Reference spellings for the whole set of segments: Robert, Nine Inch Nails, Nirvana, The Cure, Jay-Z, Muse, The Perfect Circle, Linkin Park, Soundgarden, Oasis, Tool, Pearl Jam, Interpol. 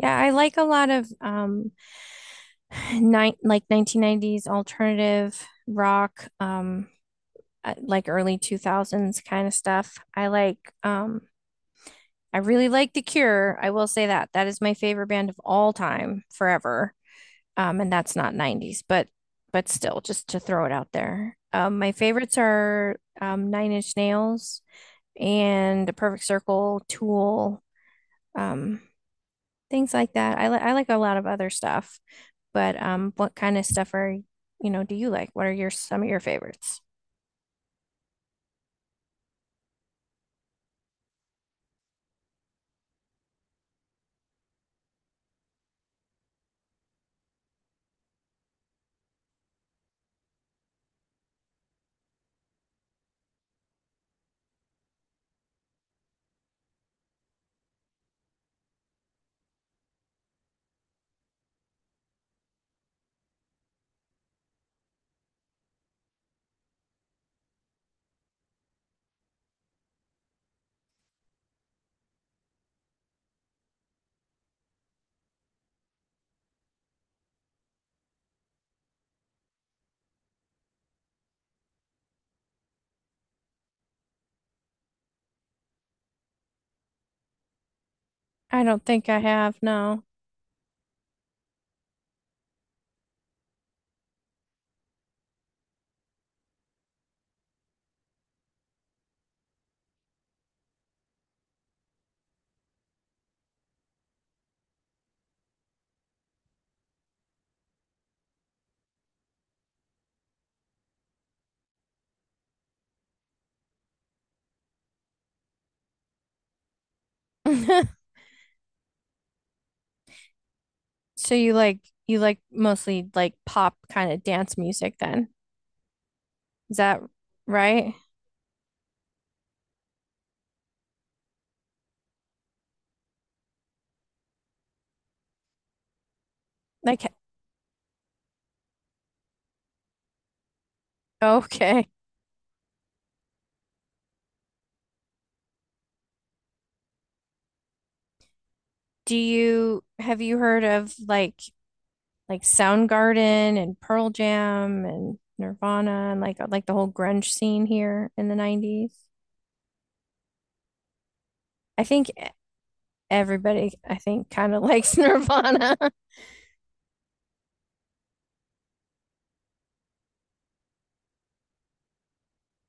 Yeah, I like a lot of nine like 1990s alternative rock like early 2000s kind of stuff. I really like The Cure. I will say that. That is my favorite band of all time forever. And that's not 90s, but still just to throw it out there. My favorites are Nine Inch Nails and The Perfect Circle, Tool, um things like that. I like a lot of other stuff. But what kind of stuff do you like? What are your some of your favorites? I don't think I have, no. So you like mostly like pop kind of dance music then. Is that right? Like, okay. Do you have you heard of like Soundgarden and Pearl Jam and Nirvana and like the whole grunge scene here in the 90s? I think everybody I think kind of likes Nirvana.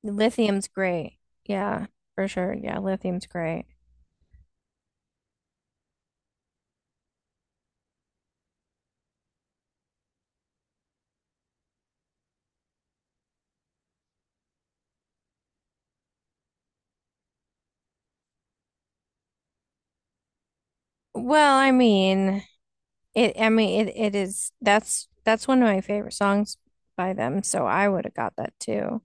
Lithium's great. Yeah, for sure. Yeah, lithium's great. Well, I mean it it is that's one of my favorite songs by them, so I would have got that too.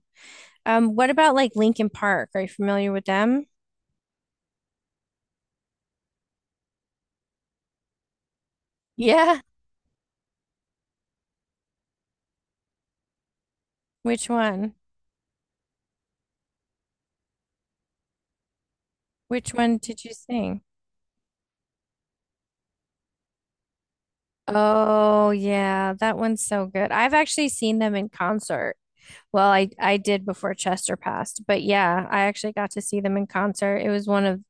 What about like Linkin Park? Are you familiar with them? Yeah. Which one? Which one did you sing? Oh yeah, that one's so good. I've actually seen them in concert. Well, I did before Chester passed, but yeah, I actually got to see them in concert.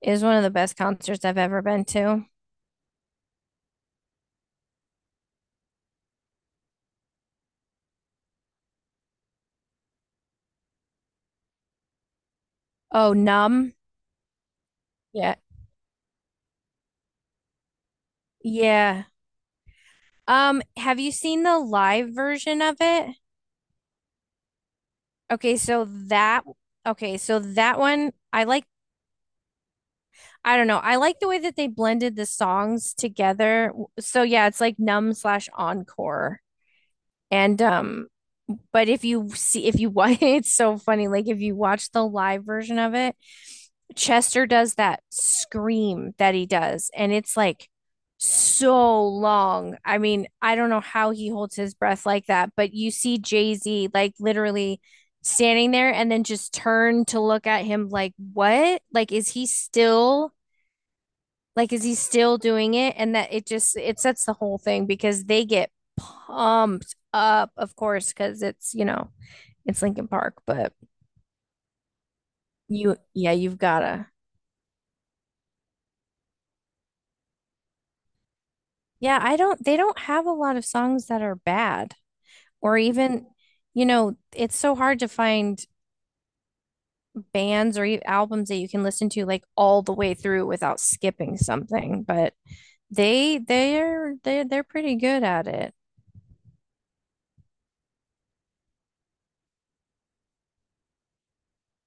It was one of the best concerts I've ever been to. Oh, Numb. Yeah. Yeah. Have you seen the live version of it? Okay, so that okay, so that one I don't know. I like the way that they blended the songs together. So yeah, it's like Numb slash Encore. And but if you watch, it's so funny. Like if you watch the live version of it, Chester does that scream that he does, and it's like so long. I mean, I don't know how he holds his breath like that, but you see Jay-Z like literally standing there and then just turn to look at him like, what? Like, is he still doing it? And that it just it sets the whole thing because they get pumped up, of course, because it's Linkin Park, but you yeah, you've gotta. Yeah, I don't they don't have a lot of songs that are bad or even, it's so hard to find bands or albums that you can listen to like all the way through without skipping something, but they're pretty good at it.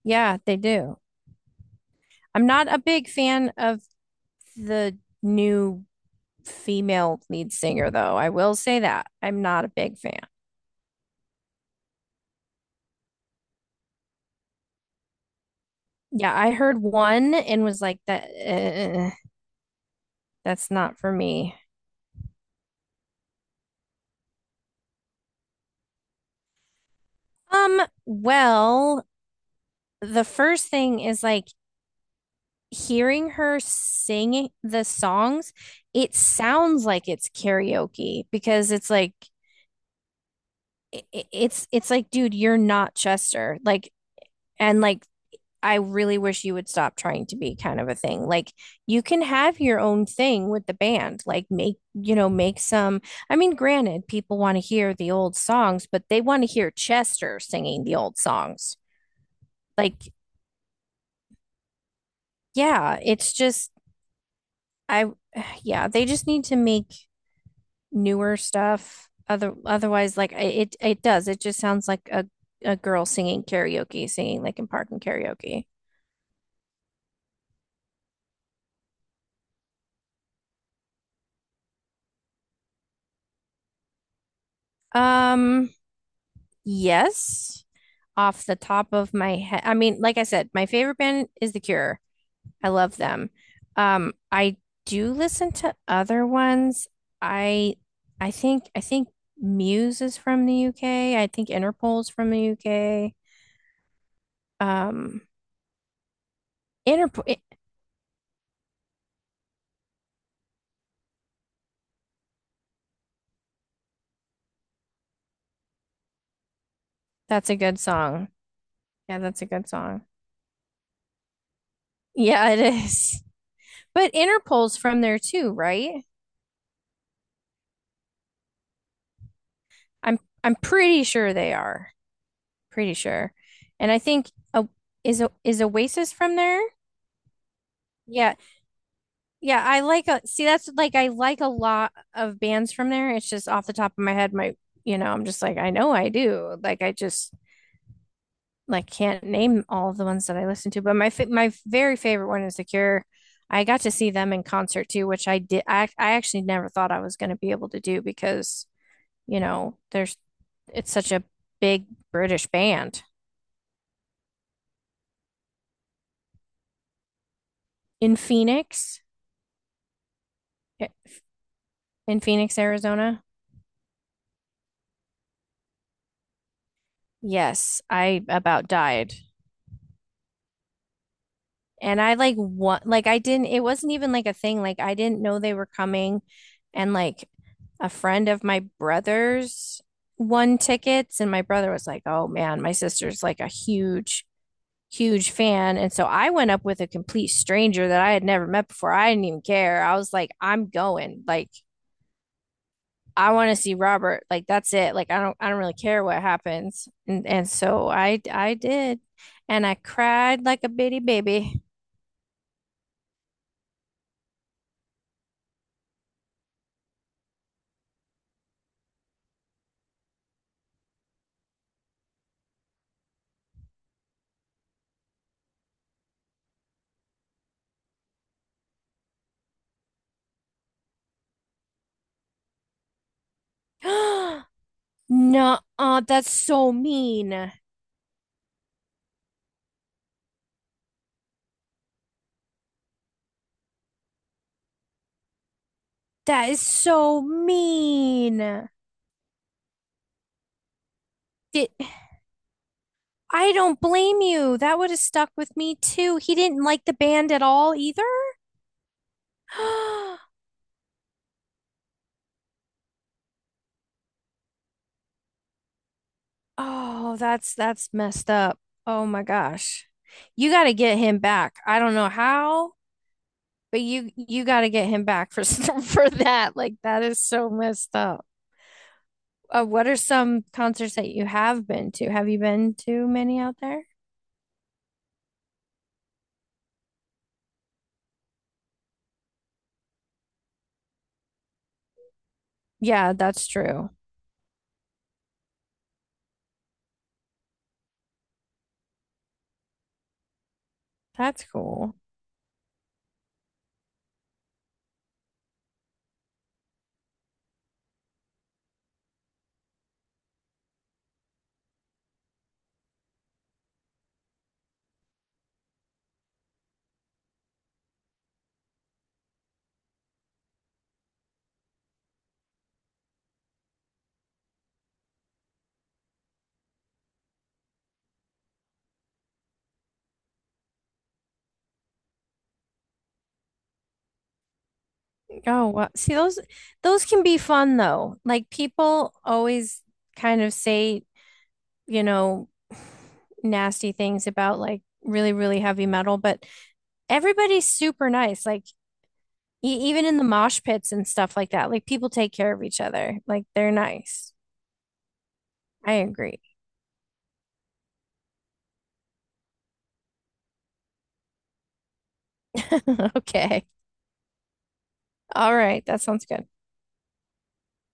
Yeah, they do. I'm not a big fan of the new female lead singer, though. I will say that I'm not a big fan. Yeah, I heard one and was like, that's not for me. Well, the first thing is like hearing her sing the songs, it sounds like it's karaoke because it's like i- it's like, dude, you're not Chester. And I really wish you would stop trying to be kind of a thing. Like you can have your own thing with the band. Like make some I mean, granted, people want to hear the old songs, but they want to hear Chester singing the old songs. Like, yeah, it's just I yeah, they just need to make newer stuff. Otherwise, like it does. It just sounds like a girl singing karaoke, singing like in park and karaoke. Um, yes, off the top of my head. I mean, like I said, my favorite band is The Cure. I love them. I do listen to other ones. I I think Muse is from the UK. I think Interpol's from the UK. Um, Interpol, that's a good song. Yeah, that's a good song. Yeah, it is. But Interpol's from there too, right? I'm pretty sure they are. Pretty sure. And I think is Oasis from there? Yeah, yeah, I like a lot of bands from there. It's just off the top of my head, I'm just like I know I do. Like I just like can't name all of the ones that I listen to, but my very favorite one is The Cure. I got to see them in concert too, which I actually never thought I was going to be able to do because, there's it's such a big British band in Phoenix, eh, in Phoenix, Arizona. Yes, I about died. And I like what like I didn't it wasn't even like a thing. Like I didn't know they were coming, and like a friend of my brother's won tickets and my brother was like, "Oh man, my sister's like a huge huge fan." And so I went up with a complete stranger that I had never met before. I didn't even care. I was like, "I'm going. Like, I want to see Robert. Like, that's it. Like, I don't really care what happens." And so I did. And I cried like a bitty baby. No, that's so mean. That is so mean. It, I don't blame you. That would have stuck with me too. He didn't like the band at all either. Oh, that's messed up. Oh my gosh. You got to get him back. I don't know how, but you got to get him back for for that. Like that is so messed up. What are some concerts that you have been to? Have you been to many out there? Yeah, that's true. That's cool. Oh, well, see those can be fun though. Like people always kind of say, you know, nasty things about like really, really heavy metal, but everybody's super nice. Like e even in the mosh pits and stuff like that, like people take care of each other. Like they're nice. I agree. Okay. All right. That sounds good.